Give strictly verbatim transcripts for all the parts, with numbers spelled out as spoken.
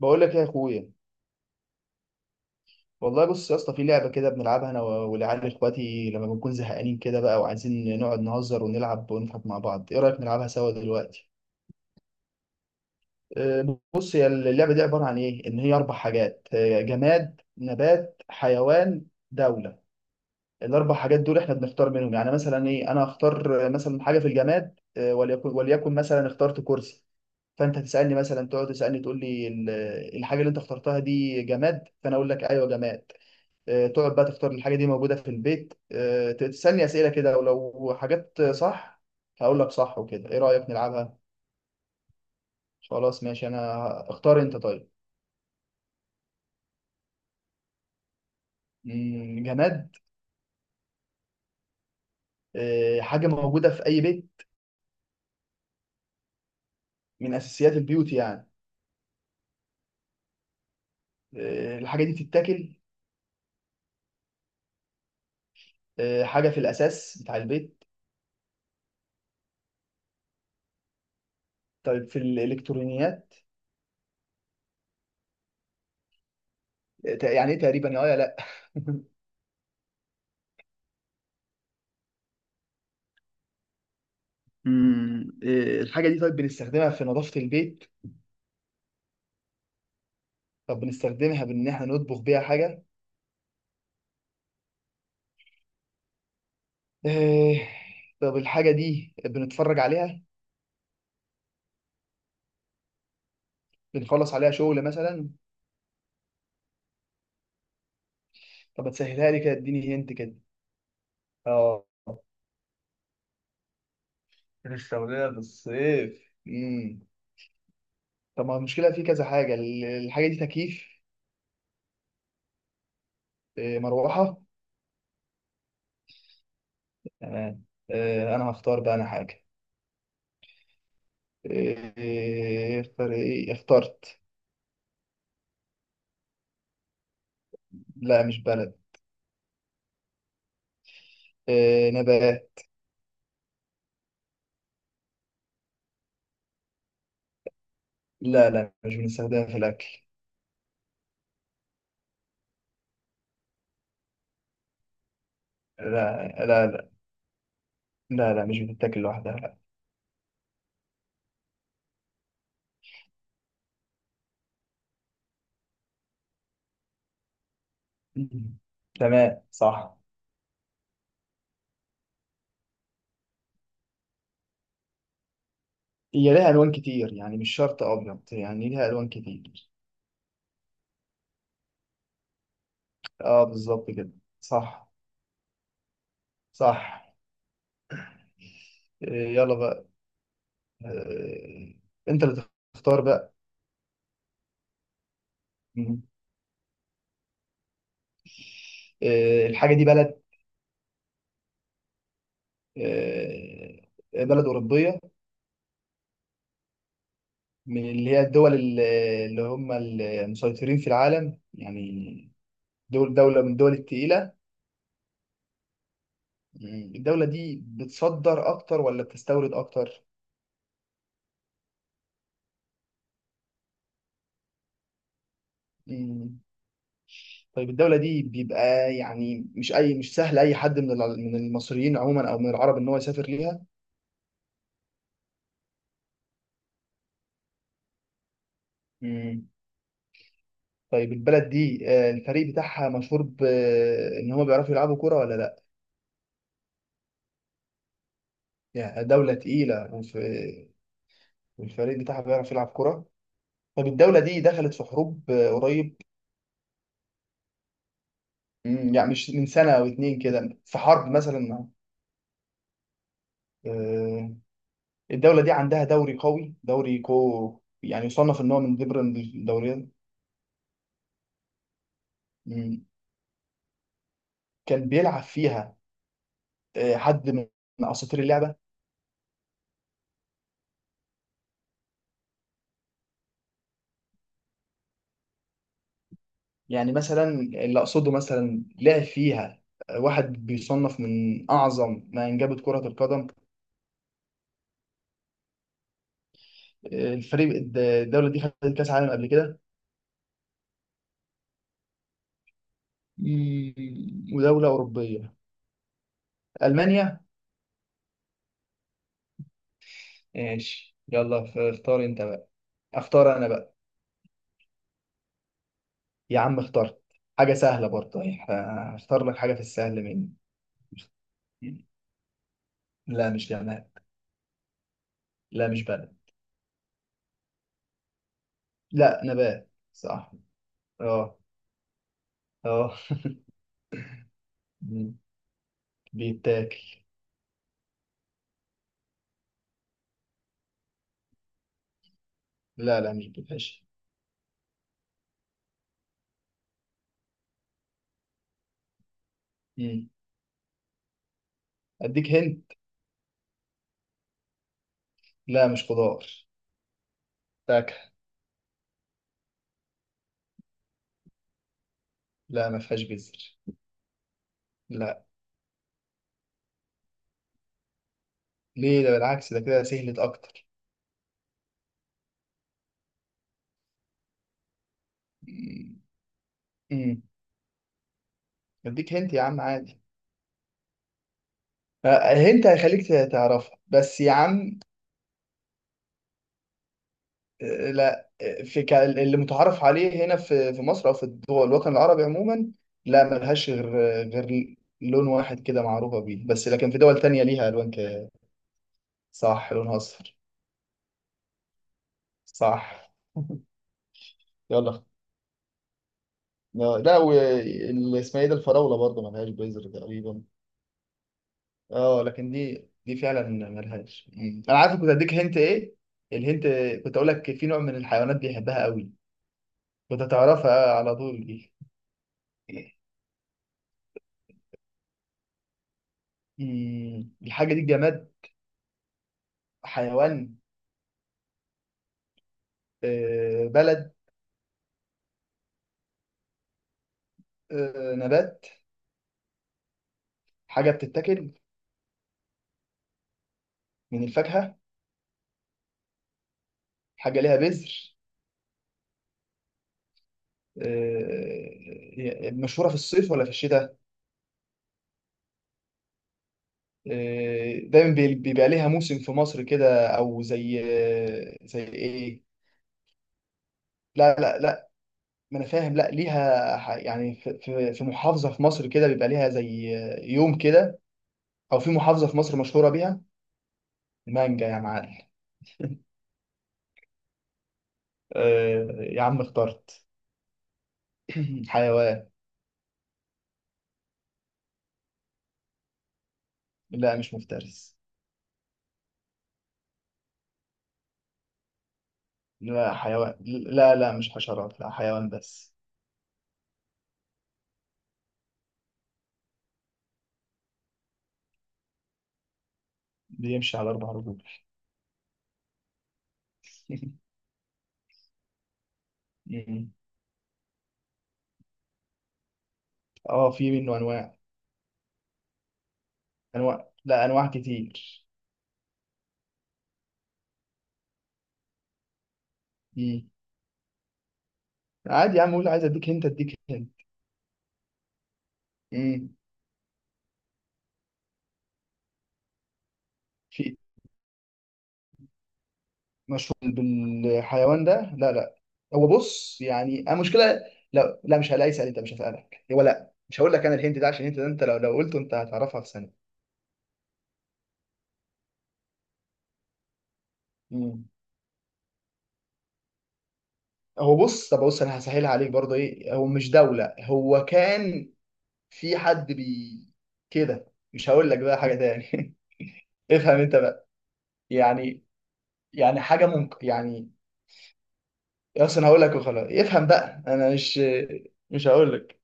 بقول لك إيه يا اخويا؟ والله بص يا اسطى، في لعبه كده بنلعبها انا و- والعيال اخواتي لما بنكون زهقانين كده بقى وعايزين نقعد نهزر ونلعب ونضحك مع بعض. ايه رايك نلعبها سوا دلوقتي؟ أه، بص، هي اللعبه دي عباره عن ايه؟ ان هي اربع حاجات، أه، جماد، نبات، حيوان، دوله. الاربع حاجات دول احنا بنختار منهم. يعني مثلا ايه؟ انا اختار مثلا حاجه في الجماد، أه، وليكن وليكن مثلا اخترت كرسي. فانت تسالني مثلا، تقعد تسالني تقول لي ال- الحاجه اللي انت اخترتها دي جماد، فانا اقول لك ايوه جماد. آه، تقعد بقى تختار. الحاجة دي موجودة في البيت. آه، تسألني أسئلة كده، ولو حاجات صح هقول لك صح وكده. إيه رأيك نلعبها؟ خلاص ماشي. أنا اختار أنت، طيب. مم، جماد؟ آه، حاجة موجودة في أي بيت؟ من أساسيات البيوت يعني؟ آه، الحاجة دي بتتاكل؟ آه، حاجة في الأساس بتاع البيت؟ طيب، في الإلكترونيات؟ آه، ت- يعني إيه تقريبا؟ يا آه يا لأ؟ مم، آه، الحاجة دي طيب، بنستخدمها في نظافة البيت؟ طب بنستخدمها بإن إحنا نطبخ بيها حاجة؟ آه، طب الحاجة دي بنتفرج عليها؟ بنخلص عليها شغل مثلا؟ طب هتسهلها لي كده، اديني هنت كده. اه. الشغلانة بالصيف. امم طب ما المشكلة في كذا حاجة. ال- الحاجة دي تكييف؟ آه، مروحة؟ تمام. آه، انا هختار بقى انا حاجة. آه، آه، اختار، ايه اخترت؟ لا، مش بلد. آه، نبات. لا، لا، مش بنستخدمها في الأكل. لا، لا، لا. لا، لا، مش بتتاكل لوحدها، لا. مم. تمام، صح. هي ليها الوان كتير يعني، مش شرط ابيض، يعني ليها الوان كتير. اه، بالظبط كده. صح. صح. إيه، يلا بقى. إيه، انت اللي تختار بقى. مم. إيه، الحاجه دي بلد؟ إيه، بلد اوروبيه؟ من اللي هي الدول ال- اللي هم المسيطرين في العالم يعني. دول دوله من الدول التقيله. مم. الدوله دي بتصدر اكتر ولا بتستورد اكتر؟ مم. طيب الدولة دي بيبقى يعني مش أي، مش سهل أي حد من الع- من المصريين عموما أو من العرب إن هو يسافر ليها. مم. طيب البلد دي، آه، الفريق بتاعها مشهور بإن هم بيعرفوا يلعبوا كرة ولا لأ؟ يعني دولة تقيلة وف- والفريق بتاعها بيعرف يلعب كرة. طب الدولة دي دخلت في حروب آه، قريب؟ مم، يعني مش من سنة أو اتنين كده في حرب مثلا؟ آه، الدولة دي عندها دوري قوي، دوري كو يعني يصنف إن هو من ضمن الدوريات. مم. كان بيلعب فيها آه، حد من اساطير اللعبه؟ يعني مثلا اللي اقصده، مثلا لعب فيها آه، واحد بيصنف من اعظم ما انجبت كره القدم. آه، الفريق الد- الدوله دي خدت كاس عالم قبل كده؟ مم، ودوله اوروبيه؟ المانيا. ماشي يلا، ف- اختار انت بقى. اختار انا بقى. يا عم اخترت. حاجه سهله برضه يعني. هختار لك حاجه في السهل مني. لا، مش جماد. لا، مش بلد. لا، نبات صح. اه. اه. مم. بيتاكل. لا، لا، مش بالحش. مم. اديك هند. لا، مش خضار. فاكهة. لا، ما فيهاش بذر. لا. ليه؟ ده بالعكس، ده كده سهلت اكتر. مم. مم. اديك هنت يا عم عادي. آه، هنت هيخليك ت- تعرفها بس يا عم. آه، لا، آه، في ك- اللي متعارف عليه هنا، في في مصر او في الدول الوطن العربي عموما. لا، ملهاش غير غير لون واحد كده معروفة بيه، بس لكن في دول تانية ليها الوان ك- صح، لونها اصفر. صح. يلا. آه، لا، واللي اسمها ايه ده، الفراوله برضه ملهاش بيزر تقريبا. اه، لكن دي دي فعلا ملهاش. مم. انا عارف كنت اديك هنت ايه. الهنت. كنت اقول لك في نوع من الحيوانات بيحبها قوي. كنت هتعرفها على طول دي. مم. الحاجه دي جماد؟ حيوان؟ آه، بلد؟ آه، نبات؟ حاجه بتتاكل؟ من الفاكهه؟ حاجه ليها بذر؟ آه، مشهوره في الصيف ولا في الشتاء؟ آه، دايما بي- بيبقى ليها موسم في مصر كده، او زي آه، زي ايه؟ لا، لا، لا. ما انا فاهم، لا، ليها ح- يعني في في في محافظه في مصر كده بيبقى ليها زي، آه، يوم كده. او في محافظه في مصر مشهوره بيها. مانجا يا معلم. آه، يا عم اخترت. حيوان. لا، مش مفترس. لا، حيوان. لا، لا، مش حشرات، لا، حيوان بس. بيمشي على اربع رجول. مم. اه، في منه انواع. انواع، لا، انواع كتير. مم. عادي يا عم، قول عايز اديك هنت اديك هنت. امم في. مشهور بالحيوان ده؟ لا، لا. هو بص، يعني انا مشكله. لا، لا، مش هلاقي اسال انت، مش هسالك هو. لا، مش هقول لك انا الهنت ده، عشان الهنت ده انت لو لو قلته انت هتعرفها في ثانيه. امم هو بص، طب بص، انا هسهلها عليك برضه. ايه، هو مش دوله، هو كان في حد بي كده، مش هقول لك بقى حاجه تاني. افهم انت بقى. يعني يعني حاجه ممكن يعني. اصلا هقول لك وخلاص، افهم بقى انا مش. مش هقول لك.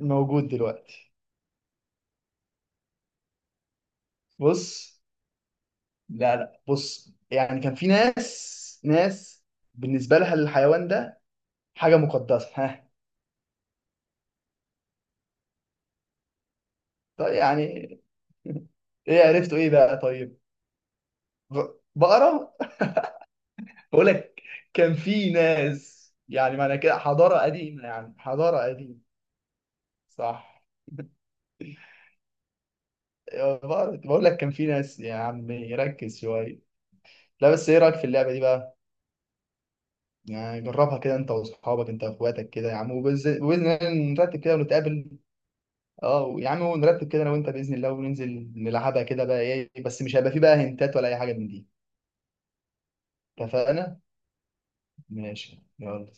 موجود دلوقتي. بص، لا، لا، بص يعني كان في ناس ناس بالنسبة لها الحيوان ده حاجة مقدسة، ها. طيب، يعني. ايه عرفتوا ايه بقى؟ طيب. ب- بقرة. بقول لك كان في ناس. يعني معنى كده حضارة قديمة، يعني حضارة قديمة. صح. يا بقرة، بقول لك كان في ناس يا عمي، ركز شوية. لا، بس ايه رأيك في اللعبة دي بقى؟ يعني جربها كده انت واصحابك، انت واخواتك كده يا عم، وبإذن وبإذن الله نرتب كده ونتقابل. اه يا عم، ونرتب كده انا وانت باذن الله وننزل نلعبها كده بقى. ايه بس، مش هيبقى فيه بقى هنتات ولا اي حاجه من دي. اتفقنا. ماشي يلا.